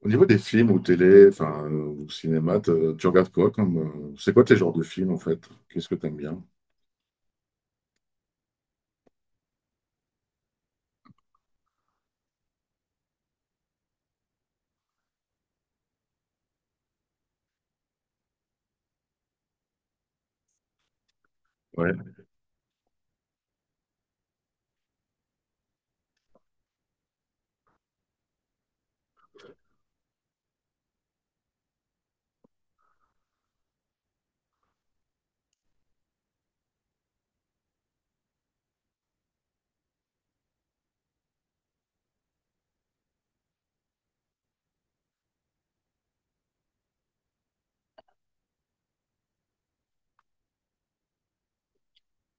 Au niveau des films ou télé, enfin, ou cinéma, tu regardes quoi comme, c'est quoi tes genres de films en fait? Qu'est-ce que t'aimes bien? Ouais.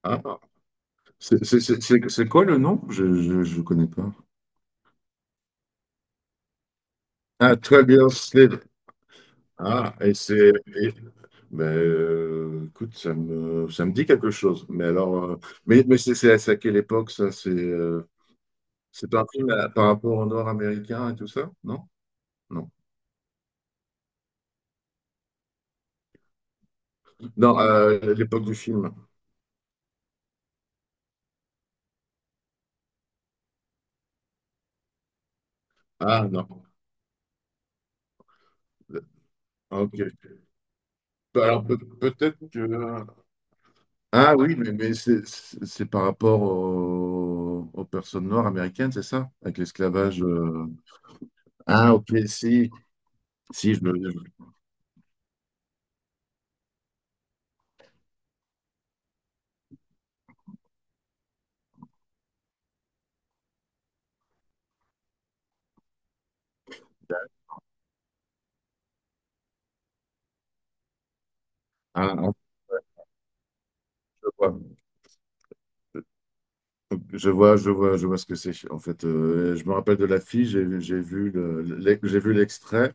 Ah, c'est quoi le nom? Je connais pas. Ah, 12 Years Slave. Ah, et c'est. Et- Ben, écoute, ça me dit quelque chose. Mais alors. Mais c'est à c'est à quelle époque ça? C'est un film à- par rapport au Nord américain et tout ça? Non? Non. Non, l'époque du film. Ah non. Ok. Alors peut- peut-être que. Ah oui, mais c'est par rapport au- aux personnes noires américaines, c'est ça? Avec l'esclavage. Ah ok, si. Si, je me. Je- Ah, en fait, je vois. Je vois, je vois, je vois ce que c'est. En fait, je me rappelle de la fille, j'ai vu j'ai vu l'extrait.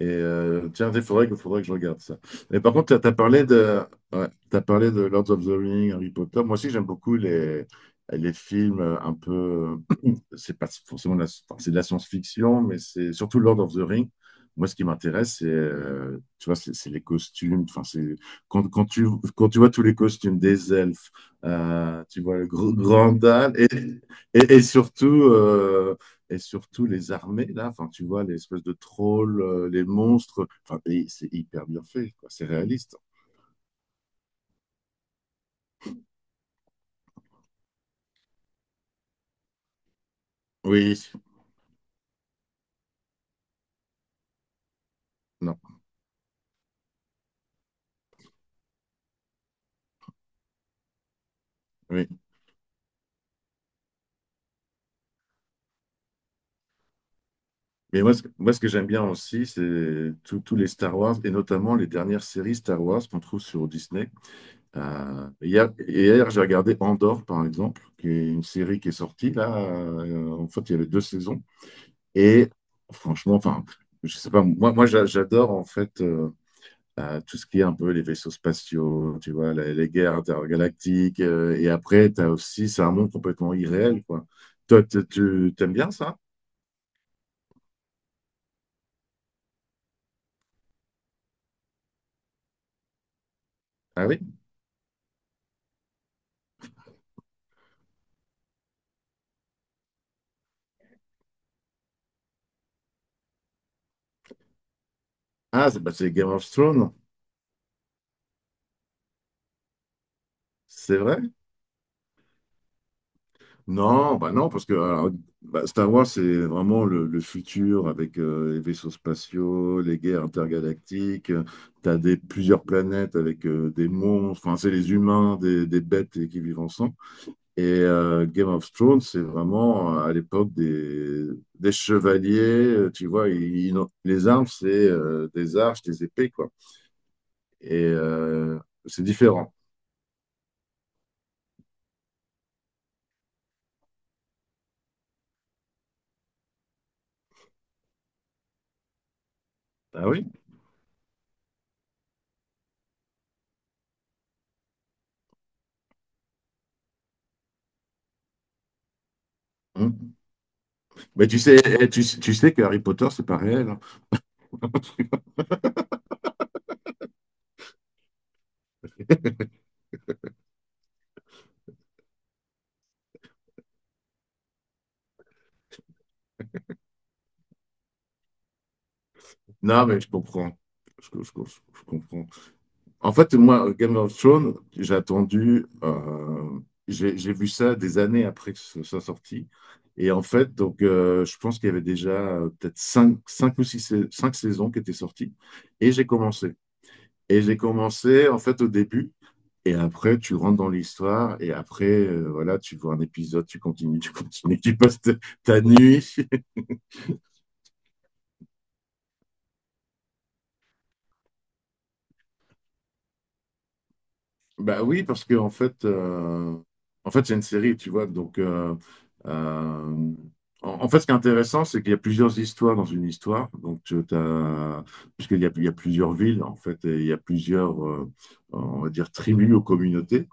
Et tiens, faudrait que je regarde ça. Et par contre, tu as, parlé de, ouais, t'as parlé de Lord of the Rings, Harry Potter. Moi aussi, j'aime beaucoup les films un peu. C'est pas forcément de la, enfin, c'est de la science-fiction, mais c'est surtout Lord of the Rings. Moi, ce qui m'intéresse, c'est tu vois, c'est les costumes. Enfin, c'est quand, quand tu vois tous les costumes des elfes, tu vois le Grandal et, et, et surtout euh, et surtout les armées, là, enfin, tu vois, les espèces de trolls, les monstres, enfin, et c'est hyper bien fait, quoi, c'est réaliste. Oui, non, oui. Mais moi, ce que j'aime bien aussi, c'est tous les Star Wars, et notamment les dernières séries Star Wars qu'on trouve sur Disney. Hier, j'ai regardé Andor, par exemple, qui est une série qui est sortie, là, en fait, il y avait deux saisons, et franchement, enfin, je sais pas, moi, j'adore, en fait, t'as tout ce qui est un peu les vaisseaux spatiaux, tu vois, la- les, guerres intergalactiques. Euh, et après, tu as aussi, c'est un monde complètement irréel, quoi. Toi, t'aimes bien ça? Ah oui? Ah, c'est bah, c'est Game of Thrones, c'est vrai? Non, bah non, parce que alors, bah, Star Wars, c'est vraiment le futur avec les vaisseaux spatiaux, les guerres intergalactiques. Tu as des, plusieurs planètes avec des monstres, enfin, c'est les humains, des bêtes et- qui vivent ensemble. Et Game of Thrones, c'est vraiment à l'époque des chevaliers, tu vois, les armes, c'est des arches, des épées, quoi. Et c'est différent. Ah oui? Hmm. Mais tu sais, eh, tu sais que Harry Potter, c'est pas réel. Hein. Non, mais je comprends. Je, je comprends. En fait, moi, Game of Thrones, j'ai attendu, j'ai vu ça des années après que ce soit sorti. Et en fait, donc, je pense qu'il y avait déjà peut-être cinq, cinq saisons qui étaient sorties. Et j'ai commencé. Et j'ai commencé, en fait, au début. Et après, tu rentres dans l'histoire. Et après, voilà, tu vois un épisode, tu continues, tu continues, tu passes ta nuit. Bah oui, parce que en fait, c'est une série, tu vois. Donc, euh, en, en fait, ce qui est intéressant, c'est qu'il y a plusieurs histoires dans une histoire. Donc, tu as, puisqu'il y a, il y a plusieurs villes, en fait, et il y a plusieurs, on va dire, tribus ou communautés.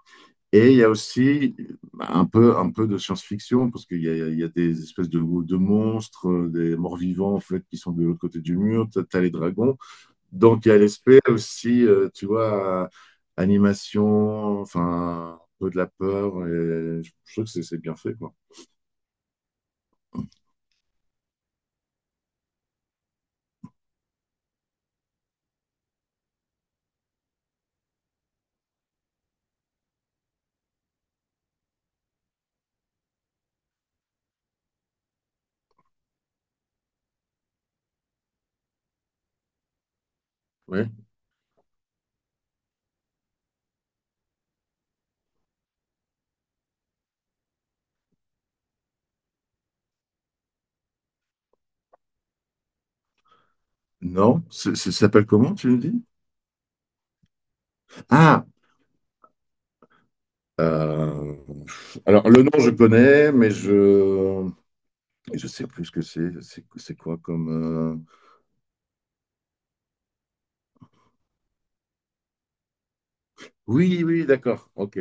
Et il y a aussi bah, un peu de science-fiction, parce qu'il y a, il y a des espèces de monstres, des morts-vivants, en fait, qui sont de l'autre côté du mur. Tu as, les dragons. Donc, il y a l'aspect aussi, tu vois, animation, enfin, un peu de la peur. Et je trouve que c'est bien fait, quoi. Oui. Non, ça s'appelle comment, tu me dis? Ah, euh, alors le nom je connais, mais je sais plus ce que c'est. C'est quoi comme oui, oui, d'accord. Ok.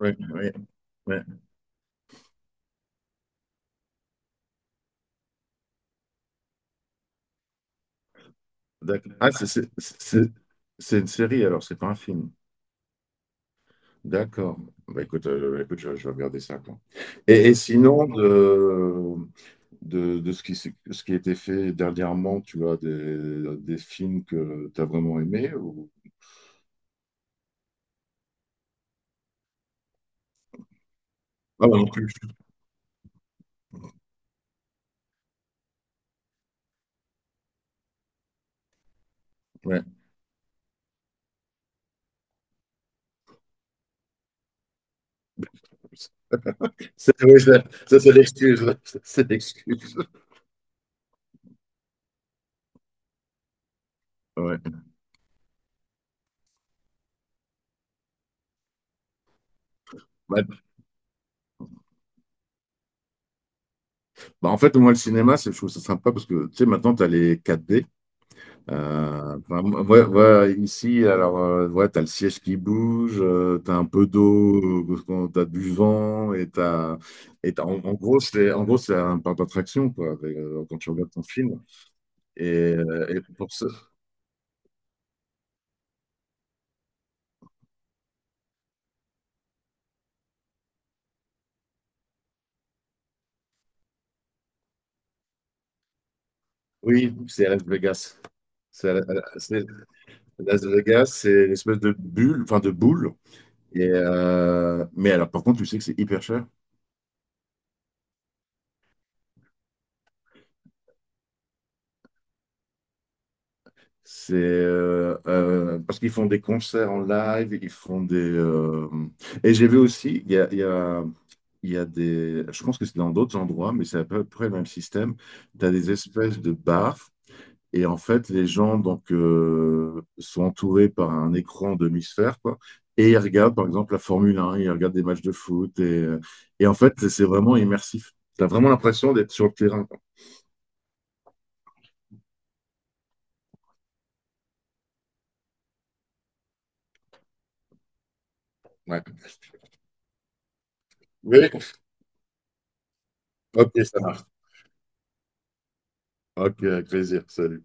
Oui, oui, oui. D'accord. Ah, c'est une série alors, c'est pas un film. D'accord. Bah, écoute, écoute, je vais regarder ça, quoi. Et sinon, de, ce qui a été fait dernièrement, tu as des films que tu as vraiment aimés ou... Ah, non plus. Ouais. C'est- oui, ça, c'est l'excuse. Ça, c'est l'excuse. Ouais. Ouais. Bah, en fait, moi, le cinéma, c'est, je trouve ça sympa parce que, tu sais, maintenant, tu as les quatre d enfin, ouais, ouais, ici, alors, ouais, t'as le siège qui bouge, tu t'as un peu d'eau, quand t'as du vent, et t'as, en, en gros, c'est un parc d'attraction, quoi, avec, quand tu regardes ton film. Et, et pour ce, oui, c'est à Las Vegas. C'est à la- c'est- Las Vegas, c'est une espèce de bulle, enfin, de boule. Et, mais alors, par contre, tu sais que c'est hyper cher. C'est parce qu'ils font des concerts en live, ils font des. Et j'ai vu aussi, il y a des. Je pense que c'est dans d'autres endroits, mais c'est à peu près le même système. Tu as des espèces de bars, et en fait, les gens donc, sont entourés par un écran demi-sphère, quoi. Et ils regardent, par exemple, la Formule 1, ils regardent des matchs de foot, et en fait, c'est vraiment immersif. Tu as vraiment l'impression d'être sur le terrain, quoi. Ouais. Oui, ok, ça marche. Ok, avec plaisir, salut.